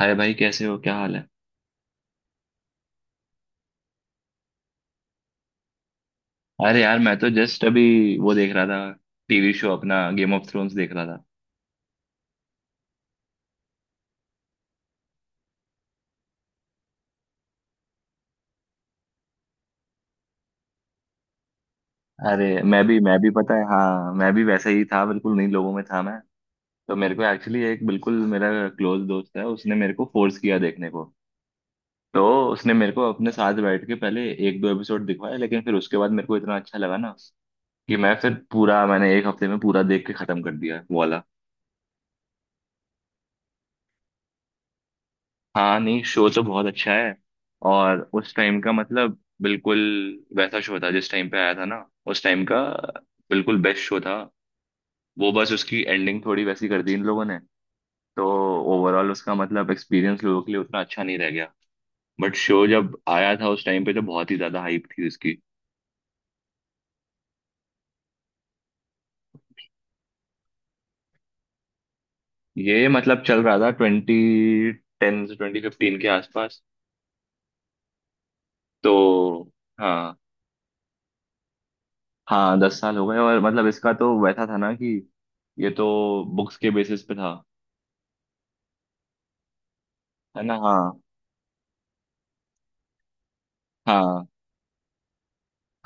अरे भाई कैसे हो, क्या हाल है? अरे यार मैं तो जस्ट अभी वो देख रहा था, टीवी शो अपना गेम ऑफ थ्रोन्स देख रहा था। अरे मैं भी पता है, हाँ मैं भी वैसे ही था, बिल्कुल नहीं लोगों में था मैं। तो मेरे को एक्चुअली एक बिल्कुल मेरा क्लोज दोस्त है, उसने मेरे को फोर्स किया देखने को। तो उसने मेरे को अपने साथ बैठ के पहले एक दो एपिसोड दिखवाया, लेकिन फिर उसके बाद मेरे को इतना अच्छा लगा ना कि मैं फिर पूरा मैंने एक हफ्ते में पूरा देख के खत्म कर दिया वो वाला। हाँ नहीं, शो तो बहुत अच्छा है। और उस टाइम का मतलब बिल्कुल वैसा शो था, जिस टाइम पे आया था ना। उस टाइम का बिल्कुल बेस्ट शो था। वो बस उसकी एंडिंग थोड़ी वैसी कर दी इन लोगों ने, तो ओवरऑल उसका मतलब एक्सपीरियंस लोगों के लिए उतना अच्छा नहीं रह गया। बट शो जब आया था उस टाइम पे तो बहुत ही ज्यादा हाइप थी उसकी। ये मतलब चल रहा था 2010 से 2015 के आसपास, तो हाँ। हाँ 10 साल हो गए, और मतलब इसका तो वैसा था ना कि ये तो बुक्स के बेसिस पे था। है ना, हाँ हाँ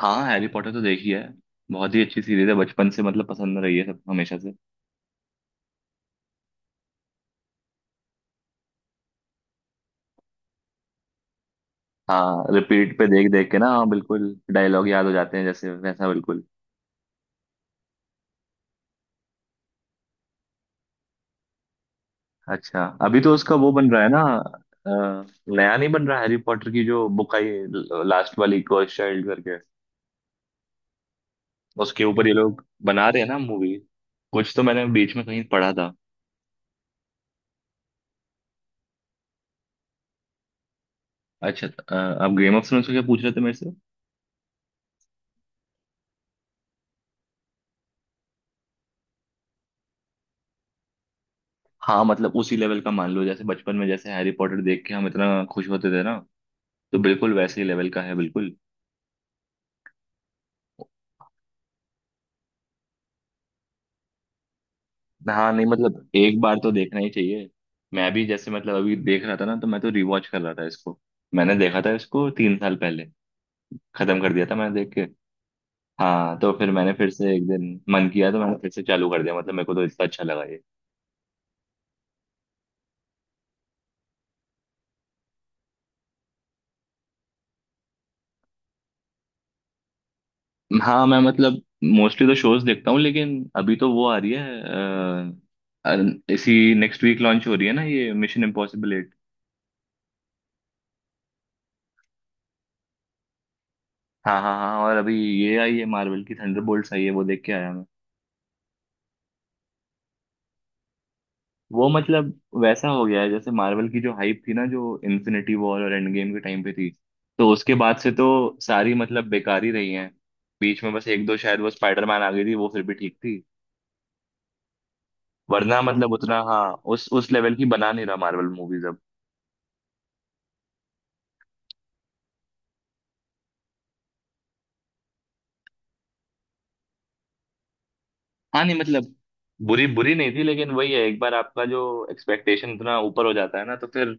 हाँ। हैरी पॉटर तो देखी है, बहुत ही अच्छी सीरीज है, बचपन से मतलब पसंद रही है सब हमेशा से। हाँ रिपीट पे देख देख के ना, हाँ बिल्कुल डायलॉग याद हो जाते हैं जैसे, वैसा बिल्कुल। अच्छा अभी तो उसका वो बन रहा है ना। अ, नया नहीं बन रहा, हैरी पॉटर की जो बुक आई लास्ट वाली कर्स चाइल्ड करके, उसके ऊपर ये लोग बना रहे हैं ना मूवी। कुछ तो मैंने बीच में कहीं पढ़ा था। अच्छा, आप गेम ऑफ थ्रोन्स को क्या पूछ रहे थे मेरे से? हाँ मतलब उसी लेवल का मान लो, जैसे बचपन में जैसे हैरी पॉटर देख के हम इतना खुश होते थे ना, तो बिल्कुल वैसे ही लेवल का है बिल्कुल। हाँ नहीं मतलब एक बार तो देखना ही चाहिए। मैं भी जैसे मतलब अभी देख रहा था ना, तो मैं तो रिवॉच कर रहा था इसको। मैंने देखा था इसको 3 साल पहले, खत्म कर दिया था मैंने देख के। हाँ तो फिर मैंने फिर से एक दिन मन किया, तो मैंने फिर से चालू कर दिया, मतलब मेरे को तो इतना अच्छा लगा ये। हाँ मैं मतलब मोस्टली तो शोज देखता हूँ, लेकिन अभी तो वो आ रही है, इसी नेक्स्ट वीक लॉन्च हो रही है ना ये मिशन इम्पॉसिबल 8। हाँ हाँ हाँ, और अभी ये आई है मार्वल की, थंडरबोल्ट्स आई है, वो देख के आया। वो मतलब वैसा हो गया है जैसे मार्वल की जो हाइप थी ना जो इन्फिनिटी वॉर और एंड गेम के टाइम पे थी, तो उसके बाद से तो सारी मतलब बेकार ही रही हैं। बीच में बस एक दो शायद वो स्पाइडरमैन आ गई थी, वो फिर भी ठीक थी। वरना मतलब उतना, हाँ उस लेवल की बना नहीं रहा मार्वल मूवीज अब। हाँ नहीं मतलब बुरी बुरी नहीं थी, लेकिन वही है, एक बार आपका जो एक्सपेक्टेशन इतना ऊपर हो जाता है ना, तो फिर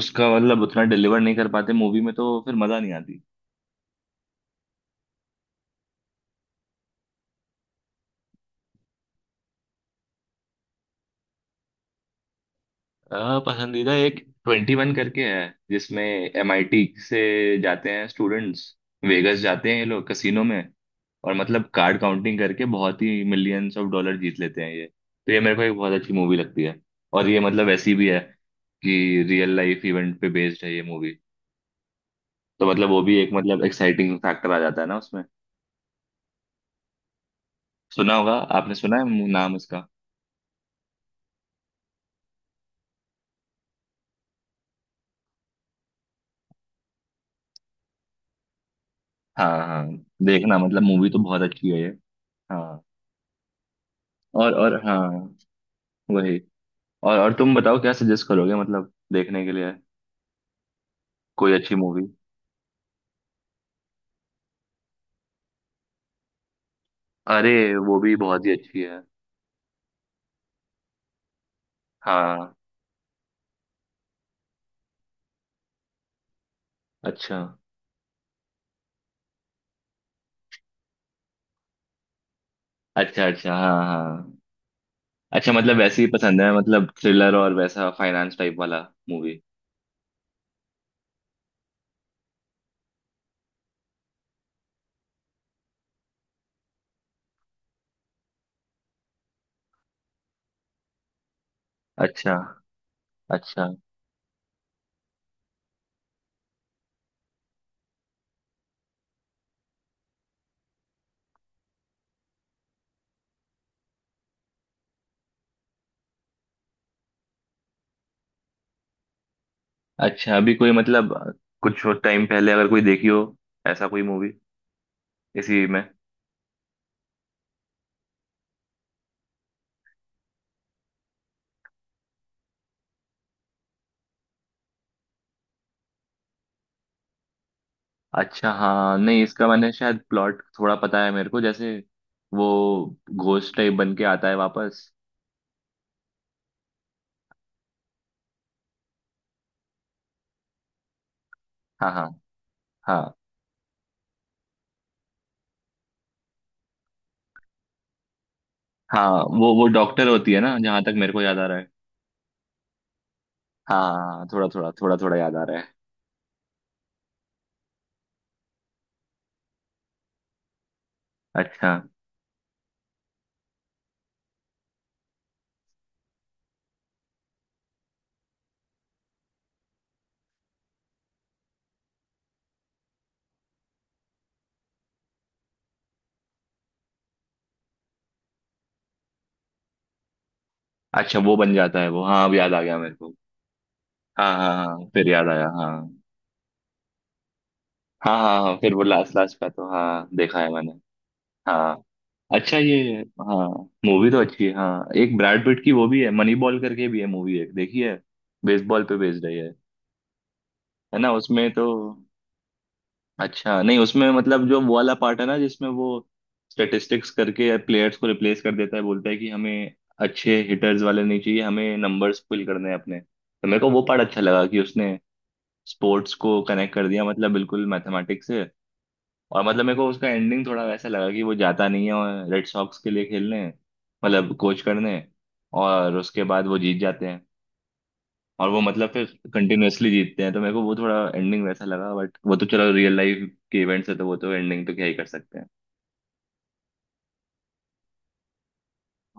उसका मतलब उतना डिलीवर नहीं कर पाते मूवी में, तो फिर मजा नहीं आती। पसंदीदा एक 21 करके है, जिसमें एमआईटी से जाते हैं स्टूडेंट्स, वेगस जाते हैं ये लोग कसिनो में, और मतलब कार्ड काउंटिंग करके बहुत ही मिलियंस ऑफ डॉलर जीत लेते हैं, ये तो ये मेरे को एक बहुत अच्छी मूवी लगती है। और ये मतलब ऐसी भी है कि रियल लाइफ इवेंट पे बेस्ड है ये मूवी, तो मतलब वो भी एक मतलब एक्साइटिंग फैक्टर आ जाता है ना उसमें। सुना होगा आपने, सुना है नाम इसका? हाँ हाँ, देखना मतलब मूवी तो बहुत अच्छी है ये। हाँ, और हाँ वही, और तुम बताओ क्या सजेस्ट करोगे मतलब देखने के लिए कोई अच्छी मूवी? अरे वो भी बहुत ही अच्छी है। हाँ अच्छा, अच्छा। अच्छा, हाँ हाँ। अच्छा मतलब वैसे ही पसंद है, मतलब थ्रिलर और वैसा फाइनेंस टाइप वाला मूवी। अच्छा, अच्छा। अच्छा अभी कोई मतलब कुछ टाइम पहले अगर कोई देखी हो ऐसा कोई मूवी इसी में? अच्छा हाँ नहीं, इसका मैंने शायद प्लॉट थोड़ा पता है मेरे को, जैसे वो घोस्ट टाइप बन के आता है वापस। हाँ हाँ हाँ हाँ, वो डॉक्टर होती है ना, जहां तक मेरे को याद आ रहा है। हाँ थोड़ा थोड़ा थोड़ा थोड़ा याद आ रहा है। अच्छा, अच्छा वो बन जाता है वो, हाँ अब याद आ गया मेरे को। हाँ हाँ हाँ फिर याद आया, हाँ। हाँ हाँ हाँ फिर वो लास्ट लास्ट का तो हाँ देखा है मैंने। हाँ अच्छा, ये हाँ मूवी तो अच्छी है। हाँ, एक ब्रैड पिट की वो भी है, मनी बॉल करके भी है मूवी एक देखी है, बेसबॉल पे बेस्ड है ये। है ना? उसमें तो अच्छा, नहीं उसमें मतलब जो वो वाला पार्ट है ना जिसमें वो स्टेटिस्टिक्स करके प्लेयर्स को रिप्लेस कर देता है, बोलता है कि हमें अच्छे हिटर्स वाले नहीं चाहिए, हमें नंबर्स फिल करने हैं अपने, तो मेरे को वो पार्ट अच्छा लगा कि उसने स्पोर्ट्स को कनेक्ट कर दिया मतलब बिल्कुल मैथमेटिक्स से। और मतलब मेरे को उसका एंडिंग थोड़ा वैसा लगा कि वो जाता नहीं है और रेड सॉक्स के लिए खेलने, मतलब कोच करने, और उसके बाद वो जीत जाते हैं, और वो मतलब फिर कंटिन्यूअसली जीतते हैं, तो मेरे को वो थोड़ा एंडिंग वैसा लगा, बट वो तो चलो रियल लाइफ के इवेंट्स है तो वो तो एंडिंग तो क्या ही कर सकते हैं।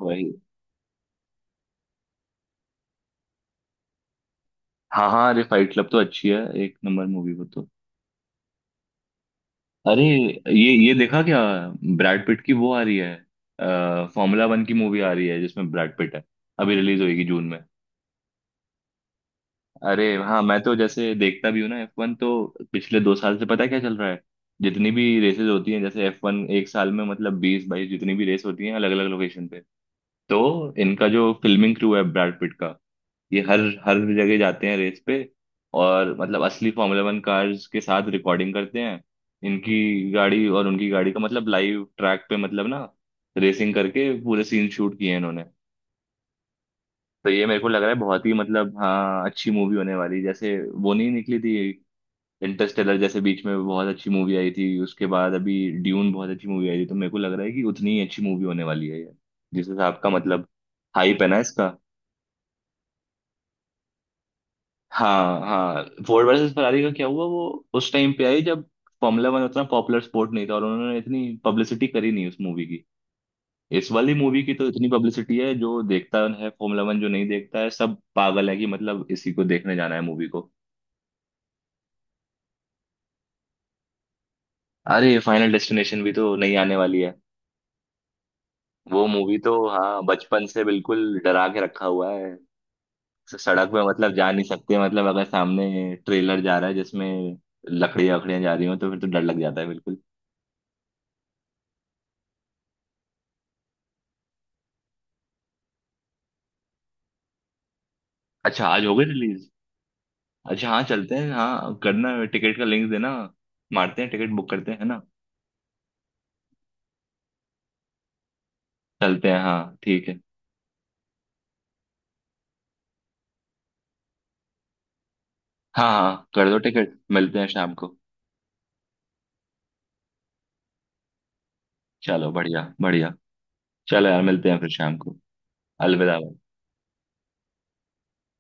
वही हाँ हाँ, अरे फाइट क्लब तो अच्छी है, एक नंबर मूवी वो तो। अरे ये देखा क्या? ब्रैड पिट की वो आ रही है, फॉर्मूला वन की मूवी आ रही है जिसमें ब्रैड पिट है, अभी रिलीज होगी जून में। अरे हाँ मैं तो जैसे देखता भी हूँ ना F1 तो, पिछले 2 साल से पता है क्या चल रहा है। जितनी भी रेसेस होती हैं, जैसे एफ वन एक साल में मतलब 20-22 जितनी भी रेस होती हैं अलग अलग लोकेशन पे, तो इनका जो फिल्मिंग क्रू है ब्रैड पिट का, ये हर हर जगह जाते हैं रेस पे, और मतलब असली Formula 1 कार्स के साथ रिकॉर्डिंग करते हैं, इनकी गाड़ी और उनकी गाड़ी का मतलब लाइव ट्रैक पे मतलब ना रेसिंग करके पूरे सीन शूट किए हैं इन्होंने। तो ये मेरे को लग रहा है बहुत ही मतलब हाँ अच्छी मूवी होने वाली है। जैसे वो नहीं निकली थी, इंटरस्टेलर जैसे बीच में बहुत अच्छी मूवी आई थी, उसके बाद अभी ड्यून बहुत अच्छी मूवी आई थी, तो मेरे को लग रहा है कि उतनी ही अच्छी मूवी होने वाली है ये, जिस हिसाब का मतलब हाइप है ना इसका। हाँ हाँ, फोर्ड वर्सेस फरारी का क्या हुआ? वो उस टाइम पे आई जब Formula 1 उतना पॉपुलर स्पोर्ट नहीं था, और उन्होंने इतनी पब्लिसिटी करी नहीं उस मूवी की, इस वाली मूवी की तो इतनी पब्लिसिटी है, जो देखता है Formula 1, जो नहीं देखता है, सब पागल है कि मतलब इसी को देखने जाना है मूवी को। अरे फाइनल डेस्टिनेशन भी तो नहीं आने वाली है? वो मूवी तो हाँ बचपन से बिल्कुल डरा के रखा हुआ है, सड़क पे मतलब जा नहीं सकते, मतलब अगर सामने ट्रेलर जा रहा है जिसमें लकड़ियां वकड़ियां जा रही हो तो फिर तो डर लग जाता है बिल्कुल। अच्छा आज हो गई रिलीज? अच्छा हाँ चलते हैं, हाँ करना है, टिकट का लिंक देना, मारते हैं, टिकट बुक करते हैं, है ना? चलते हैं हाँ ठीक है। हाँ हाँ कर दो, टिकट मिलते हैं शाम को। चलो बढ़िया बढ़िया, चलो यार मिलते हैं फिर शाम को, अलविदा।